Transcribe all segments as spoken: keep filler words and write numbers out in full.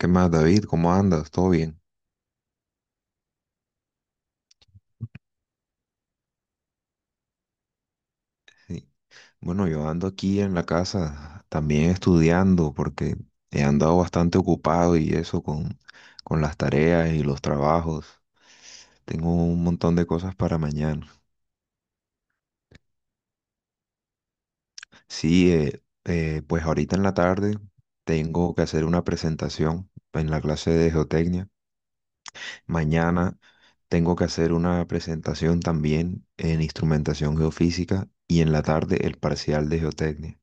¿Qué más, David? ¿Cómo andas? ¿Todo bien? Sí. Bueno, yo ando aquí en la casa también estudiando porque he andado bastante ocupado y eso con, con las tareas y los trabajos. Tengo un montón de cosas para mañana. Sí, eh, eh, pues ahorita en la tarde tengo que hacer una presentación en la clase de geotecnia. Mañana tengo que hacer una presentación también en instrumentación geofísica y en la tarde el parcial de geotecnia.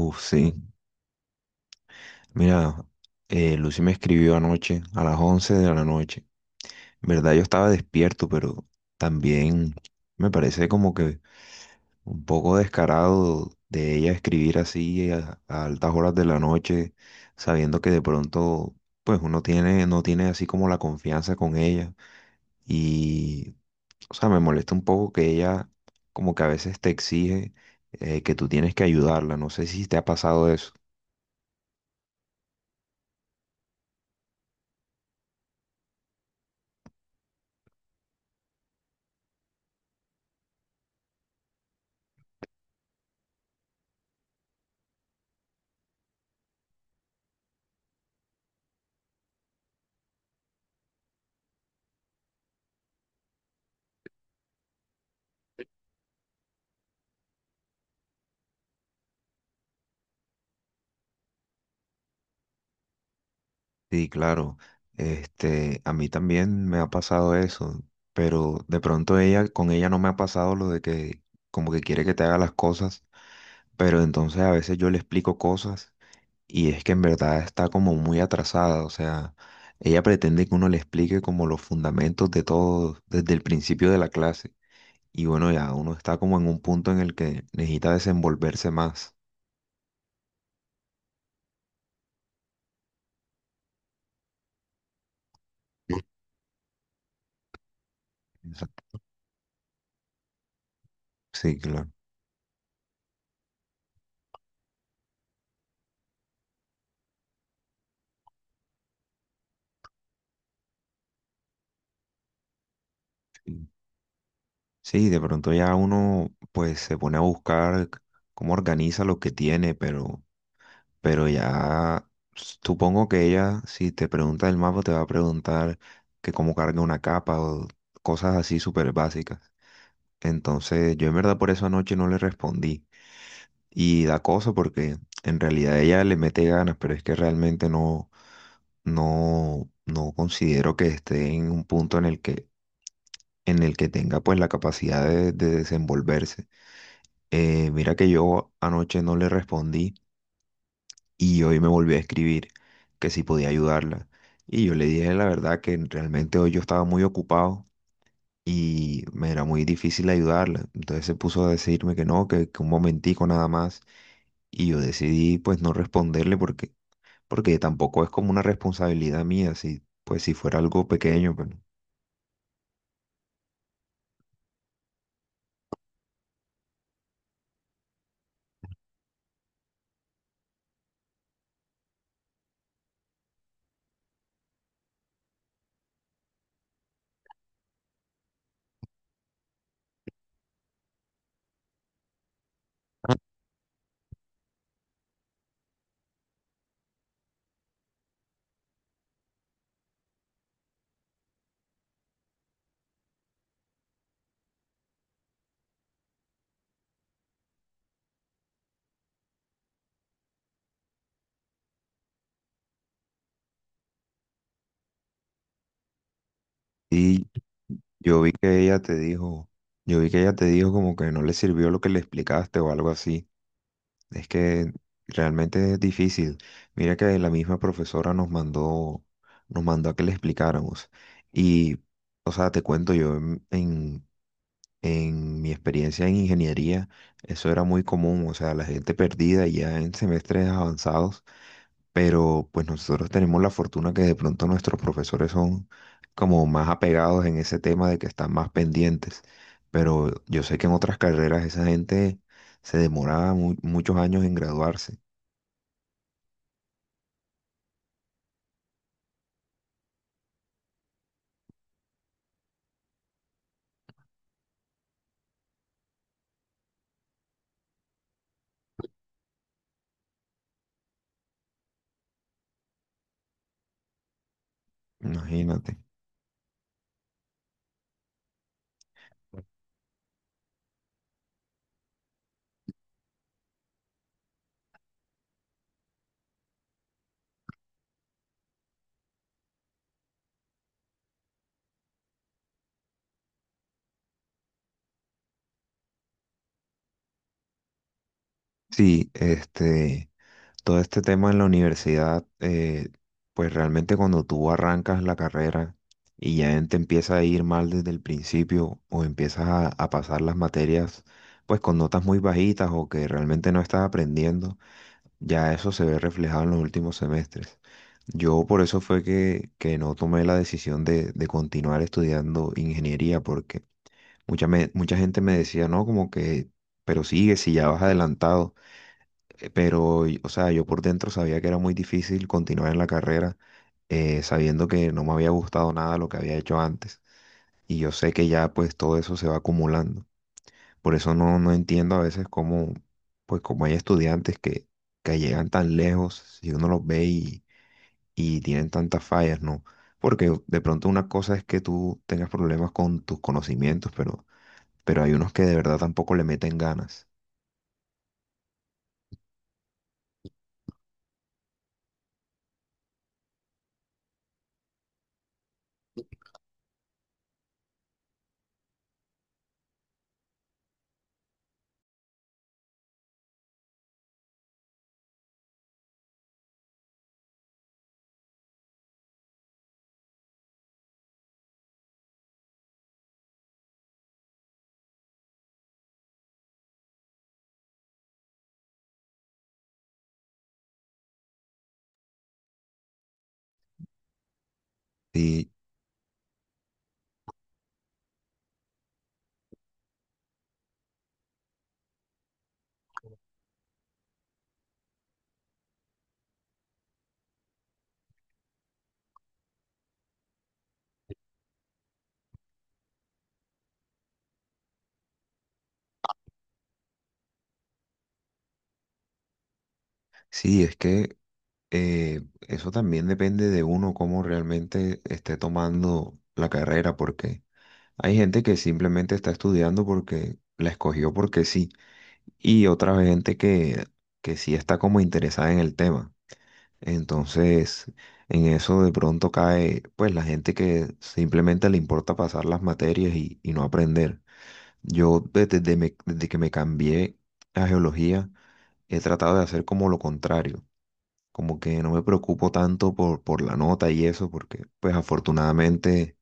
Uf, sí. Mira, eh, Lucy me escribió anoche a las once de la noche. En verdad yo estaba despierto, pero también me parece como que un poco descarado de ella escribir así a, a altas horas de la noche, sabiendo que de pronto pues uno tiene, no tiene así como la confianza con ella. Y, o sea, me molesta un poco que ella como que a veces te exige eh, que tú tienes que ayudarla. No sé si te ha pasado eso. Sí, claro. Este, a mí también me ha pasado eso, pero de pronto ella, con ella no me ha pasado lo de que como que quiere que te haga las cosas, pero entonces a veces yo le explico cosas y es que en verdad está como muy atrasada, o sea, ella pretende que uno le explique como los fundamentos de todo desde el principio de la clase y bueno, ya uno está como en un punto en el que necesita desenvolverse más. Exacto. Sí, claro. Sí, de pronto ya uno pues se pone a buscar c- cómo organiza lo que tiene, pero, pero ya supongo que ella, si te pregunta el mapa, te va a preguntar que cómo carga una capa o cosas así súper básicas. Entonces, yo en verdad por eso anoche no le respondí. Y da cosa porque en realidad ella le mete ganas, pero es que realmente no, no, no considero que esté en un punto en el que, en el que tenga pues la capacidad de de desenvolverse. Eh, mira que yo anoche no le respondí y hoy me volvió a escribir que si podía ayudarla. Y yo le dije la verdad que realmente hoy yo estaba muy ocupado y me era muy difícil ayudarla. Entonces se puso a decirme que no, que, que un momentico nada más. Y yo decidí pues no responderle porque, porque tampoco es como una responsabilidad mía, si, pues si fuera algo pequeño, pero y yo vi que ella te dijo, yo vi que ella te dijo como que no le sirvió lo que le explicaste o algo así. Es que realmente es difícil. Mira que la misma profesora nos mandó, nos mandó a que le explicáramos. Y, o sea, te cuento yo, en, en, en mi experiencia en ingeniería, eso era muy común, o sea, la gente perdida ya en semestres avanzados, pero pues nosotros tenemos la fortuna que de pronto nuestros profesores son como más apegados en ese tema de que están más pendientes. Pero yo sé que en otras carreras esa gente se demoraba mu- muchos años en graduarse. Imagínate. Sí, este, todo este tema en la universidad, eh, pues realmente cuando tú arrancas la carrera y ya te empieza a ir mal desde el principio o empiezas a, a pasar las materias, pues con notas muy bajitas o que realmente no estás aprendiendo, ya eso se ve reflejado en los últimos semestres. Yo por eso fue que, que no tomé la decisión de, de continuar estudiando ingeniería porque mucha, me- mucha gente me decía, no, como que, pero sigue si ya vas adelantado. Eh, Pero, o sea, yo por dentro sabía que era muy difícil continuar en la carrera, eh, sabiendo que no me había gustado nada lo que había hecho antes. Y yo sé que ya pues todo eso se va acumulando. Por eso no, no entiendo a veces cómo, pues como hay estudiantes que, que llegan tan lejos, si uno los ve y, y tienen tantas fallas, ¿no? Porque de pronto una cosa es que tú tengas problemas con tus conocimientos, pero, pero hay unos que de verdad tampoco le meten ganas. Y sí, es que eh, eso también depende de uno cómo realmente esté tomando la carrera, porque hay gente que simplemente está estudiando porque la escogió porque sí, y otra gente que, que sí está como interesada en el tema. Entonces, en eso de pronto cae, pues, la gente que simplemente le importa pasar las materias y, y no aprender. Yo desde, desde me- desde que me cambié a geología, he tratado de hacer como lo contrario como que no me preocupo tanto por, por la nota y eso, porque pues afortunadamente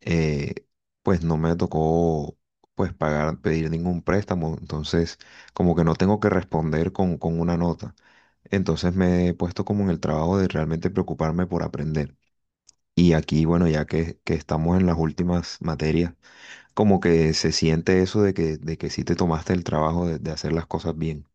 eh, pues no me tocó pues pagar, pedir ningún préstamo, entonces como que no tengo que responder con, con una nota. Entonces me he puesto como en el trabajo de realmente preocuparme por aprender. Y aquí, bueno, ya que, que estamos en las últimas materias, como que se siente eso de que, de que sí te tomaste el trabajo de de hacer las cosas bien.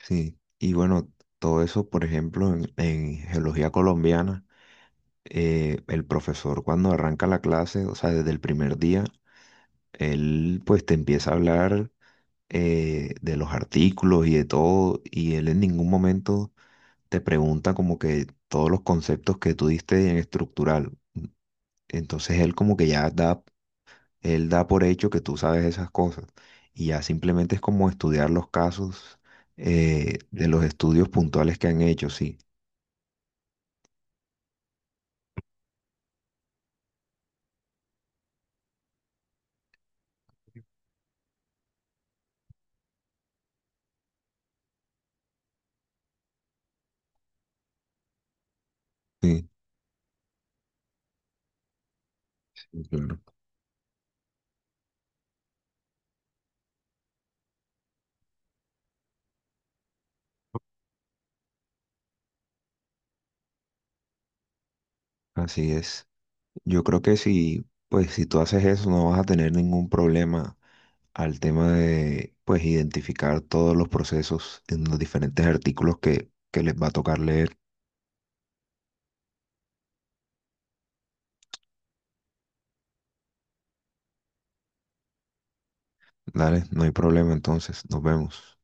Sí, y bueno, todo eso, por ejemplo, en, en geología colombiana, eh, el profesor cuando arranca la clase, o sea, desde el primer día, él pues te empieza a hablar eh, de los artículos y de todo, y él en ningún momento te pregunta como que todos los conceptos que tú diste en estructural. Entonces él como que ya da, él da por hecho que tú sabes esas cosas, y ya simplemente es como estudiar los casos eh, de los estudios puntuales que han hecho, sí. Sí, sí, claro. Así es. Yo creo que si, pues, si tú haces eso, no vas a tener ningún problema al tema de, pues, identificar todos los procesos en los diferentes artículos que, que les va a tocar leer. Dale, no hay problema entonces. Nos vemos.